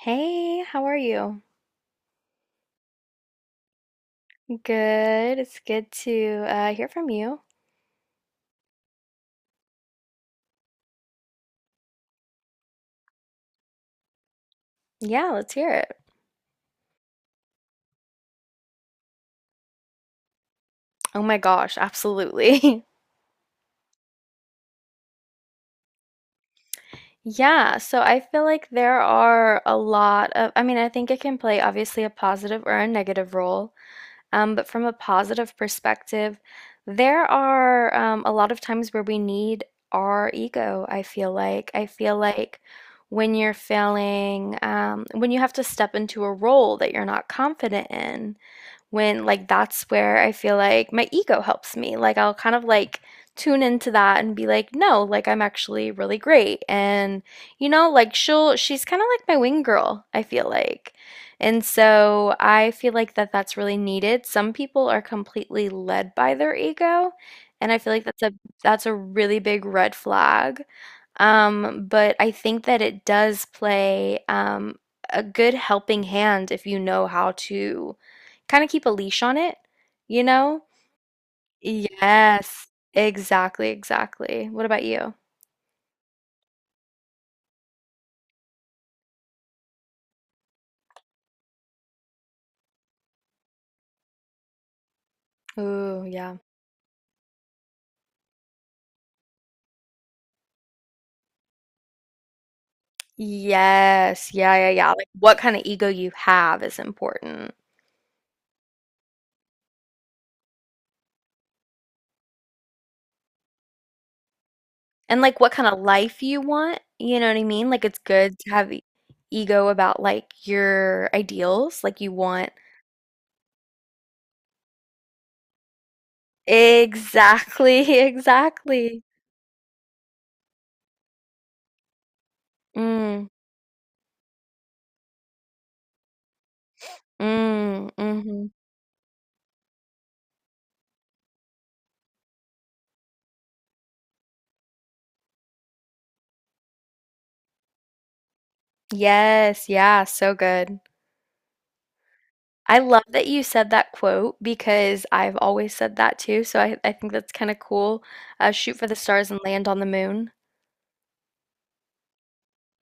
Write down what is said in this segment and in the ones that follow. Hey, how are you? Good. It's good to hear from you. Yeah, let's hear it. Oh my gosh, absolutely. Yeah, so I feel like there are a lot of, I mean, I think it can play obviously a positive or a negative role. But from a positive perspective, there are a lot of times where we need our ego, I feel like. I feel like when you're feeling, when you have to step into a role that you're not confident in. When like that's where I feel like my ego helps me. Like I'll kind of like tune into that and be like, no, like I'm actually really great. And you know, like she's kind of like my wing girl, I feel like. And so I feel like that that's really needed. Some people are completely led by their ego, and I feel like that's a really big red flag, but I think that it does play a good helping hand if you know how to kind of keep a leash on it, you know? Yes, exactly, exactly. What about you? Ooh, yeah. Yes, yeah, yeah, yeah. Like what kind of ego you have is important. And like what kind of life you want, you know what I mean? Like it's good to have ego about like your ideals, like you want. Exactly, exactly. Mm, mm, mhm. Yes, yeah, so good. I love that you said that quote because I've always said that too, so I think that's kind of cool. Shoot for the stars and land on the moon.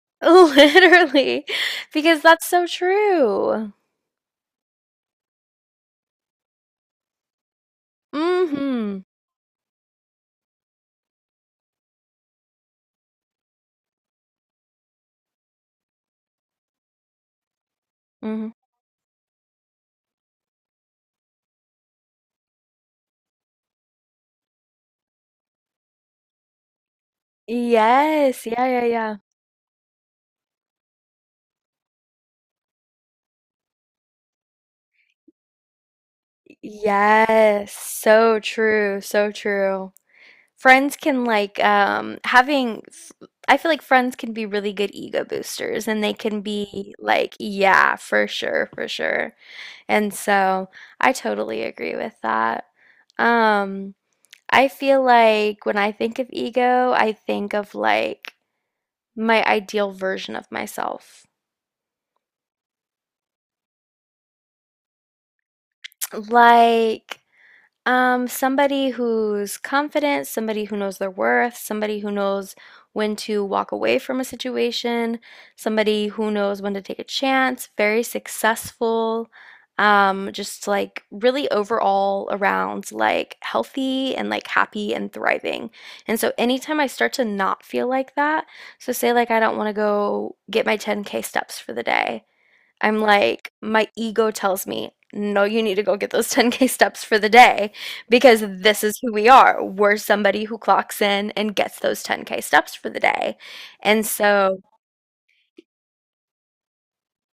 Literally, because that's so true. Mm-hmm. Mm-hmm. Yes, yeah, yeah, yeah. Yes, so true, so true. Friends can like I feel like friends can be really good ego boosters and they can be like, yeah, for sure, for sure. And so I totally agree with that. Um I feel like when I think of ego, I think of like my ideal version of myself. Like somebody who's confident, somebody who knows their worth, somebody who knows when to walk away from a situation, somebody who knows when to take a chance, very successful, just like really overall around like healthy and like happy and thriving. And so anytime I start to not feel like that, so say like I don't want to go get my 10K steps for the day, I'm like, my ego tells me, no, you need to go get those 10K steps for the day because this is who we are. We're somebody who clocks in and gets those 10K steps for the day. And so,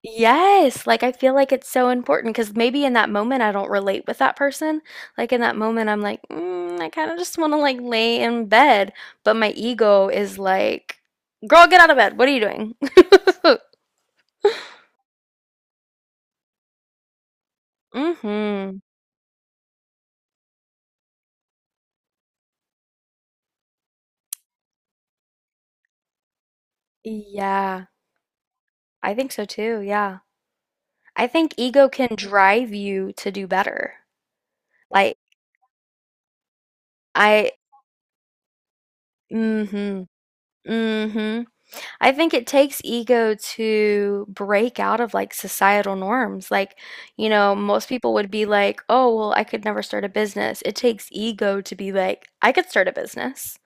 yes, like I feel like it's so important because maybe in that moment I don't relate with that person. Like in that moment, I'm like, I kind of just want to like lay in bed. But my ego is like, girl, get out of bed. What are you doing? Mm-hmm. Yeah, I think so too. Yeah. I think ego can drive you to do better. Like I. Mm-hmm. Mm-hmm. I think it takes ego to break out of like societal norms. Like, most people would be like, "Oh, well, I could never start a business." It takes ego to be like, "I could start a business."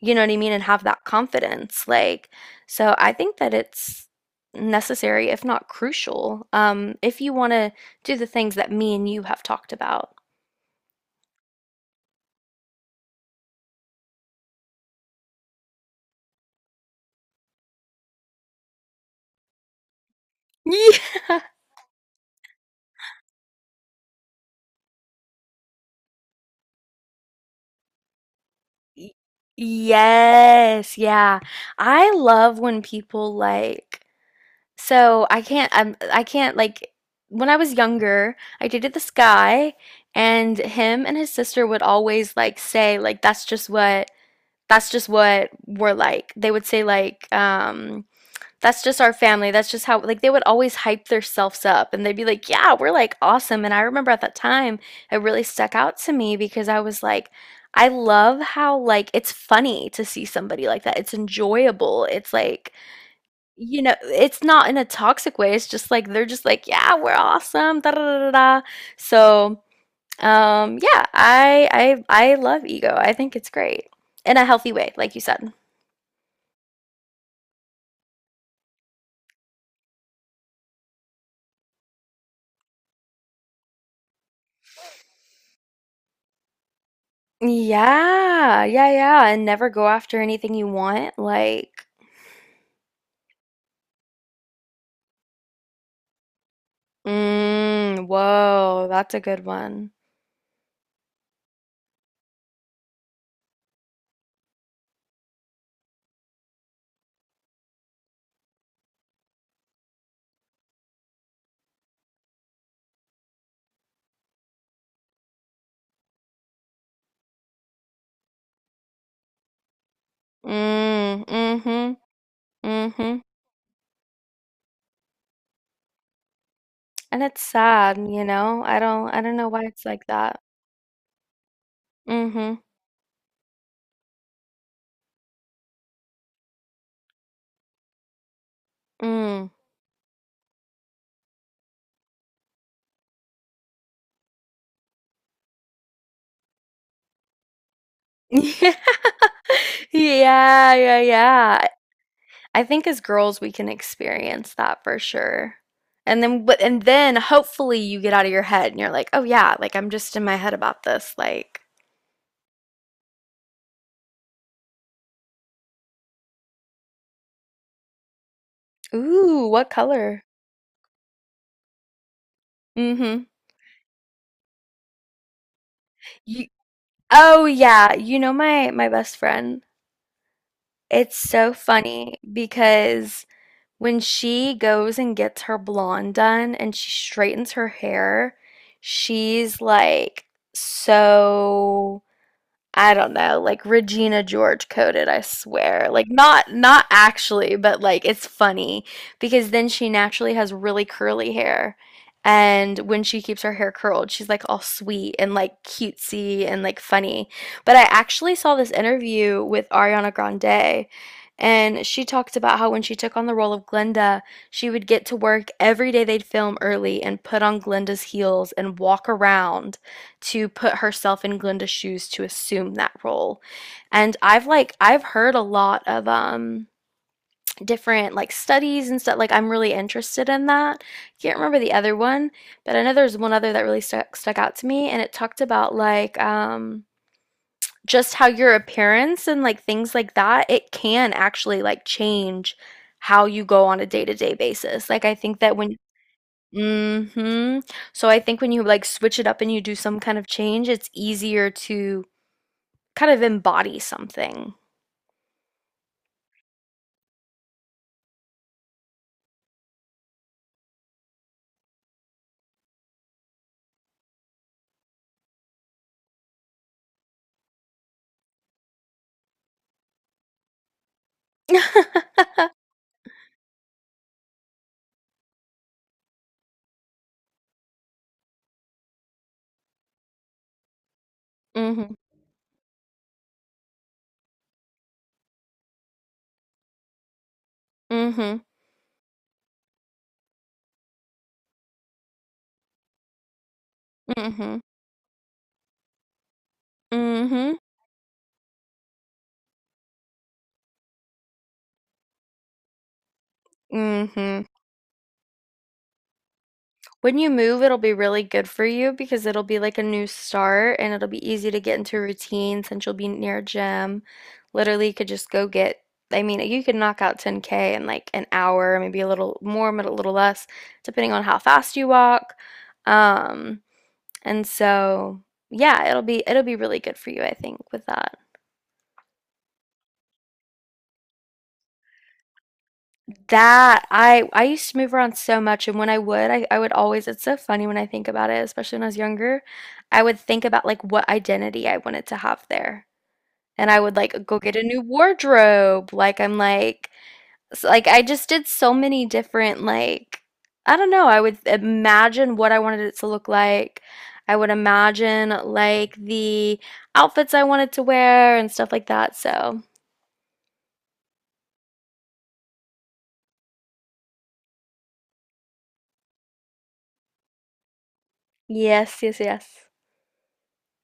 You know what I mean? And have that confidence. Like, so I think that it's necessary, if not crucial, if you want to do the things that me and you have talked about. Yeah. Y- Yes, yeah. I love when people like, so I can't I'm I can't like when I was younger, I dated this guy and him and his sister would always like say like that's just what we're like. They would say like that's just our family. That's just how like they would always hype themselves up and they'd be like, "Yeah, we're like awesome." And I remember at that time, it really stuck out to me because I was like, I love how like it's funny to see somebody like that. It's enjoyable. It's like, it's not in a toxic way. It's just like they're just like, "Yeah, we're awesome." Da da da da. Da." So, yeah, I love ego. I think it's great in a healthy way, like you said. Yeah, yeah, yeah, and never go after anything you want. Like, whoa, that's a good one. Mm, mm-hmm, mm-hmm. And it's sad, you know? I don't know why it's like that. Mm-hmm, mm. Yeah, yeah, yeah. I think as girls we can experience that for sure. And then hopefully you get out of your head and you're like, oh yeah, like I'm just in my head about this. Like, ooh, what color? Mm-hmm. You, oh yeah, you know my best friend. It's so funny because when she goes and gets her blonde done and she straightens her hair, she's like so I don't know, like Regina George coded, I swear. Like not actually, but like it's funny because then she naturally has really curly hair. And when she keeps her hair curled, she's like all sweet and like cutesy and like funny. But I actually saw this interview with Ariana Grande, and she talked about how when she took on the role of Glinda, she would get to work every day they'd film early and put on Glinda's heels and walk around to put herself in Glinda's shoes to assume that role. And I've heard a lot of different like studies and stuff like I'm really interested in that. I can't remember the other one, but I know there's one other that really stuck out to me and it talked about like just how your appearance and like things like that, it can actually like change how you go on a day-to-day basis. Like I think that when. Mhm. So I think when you like switch it up and you do some kind of change, it's easier to kind of embody something. Mhm. Mhm. Mhm. Mhm. Mhm. When you move, it'll be really good for you because it'll be like a new start and it'll be easy to get into routine since you'll be near a gym. Literally, you could just go get, I mean, you could knock out 10K in like an hour, maybe a little more, but a little less, depending on how fast you walk. Um, And so, yeah, it'll be really good for you, I think, with that. That I used to move around so much, and when I would, I would always, it's so funny when I think about it, especially when I was younger, I would think about like what identity I wanted to have there. And I would like go get a new wardrobe. Like I'm like like I just did so many different like I don't know, I would imagine what I wanted it to look like. I would imagine like the outfits I wanted to wear and stuff like that. So. Yes, yes, yes.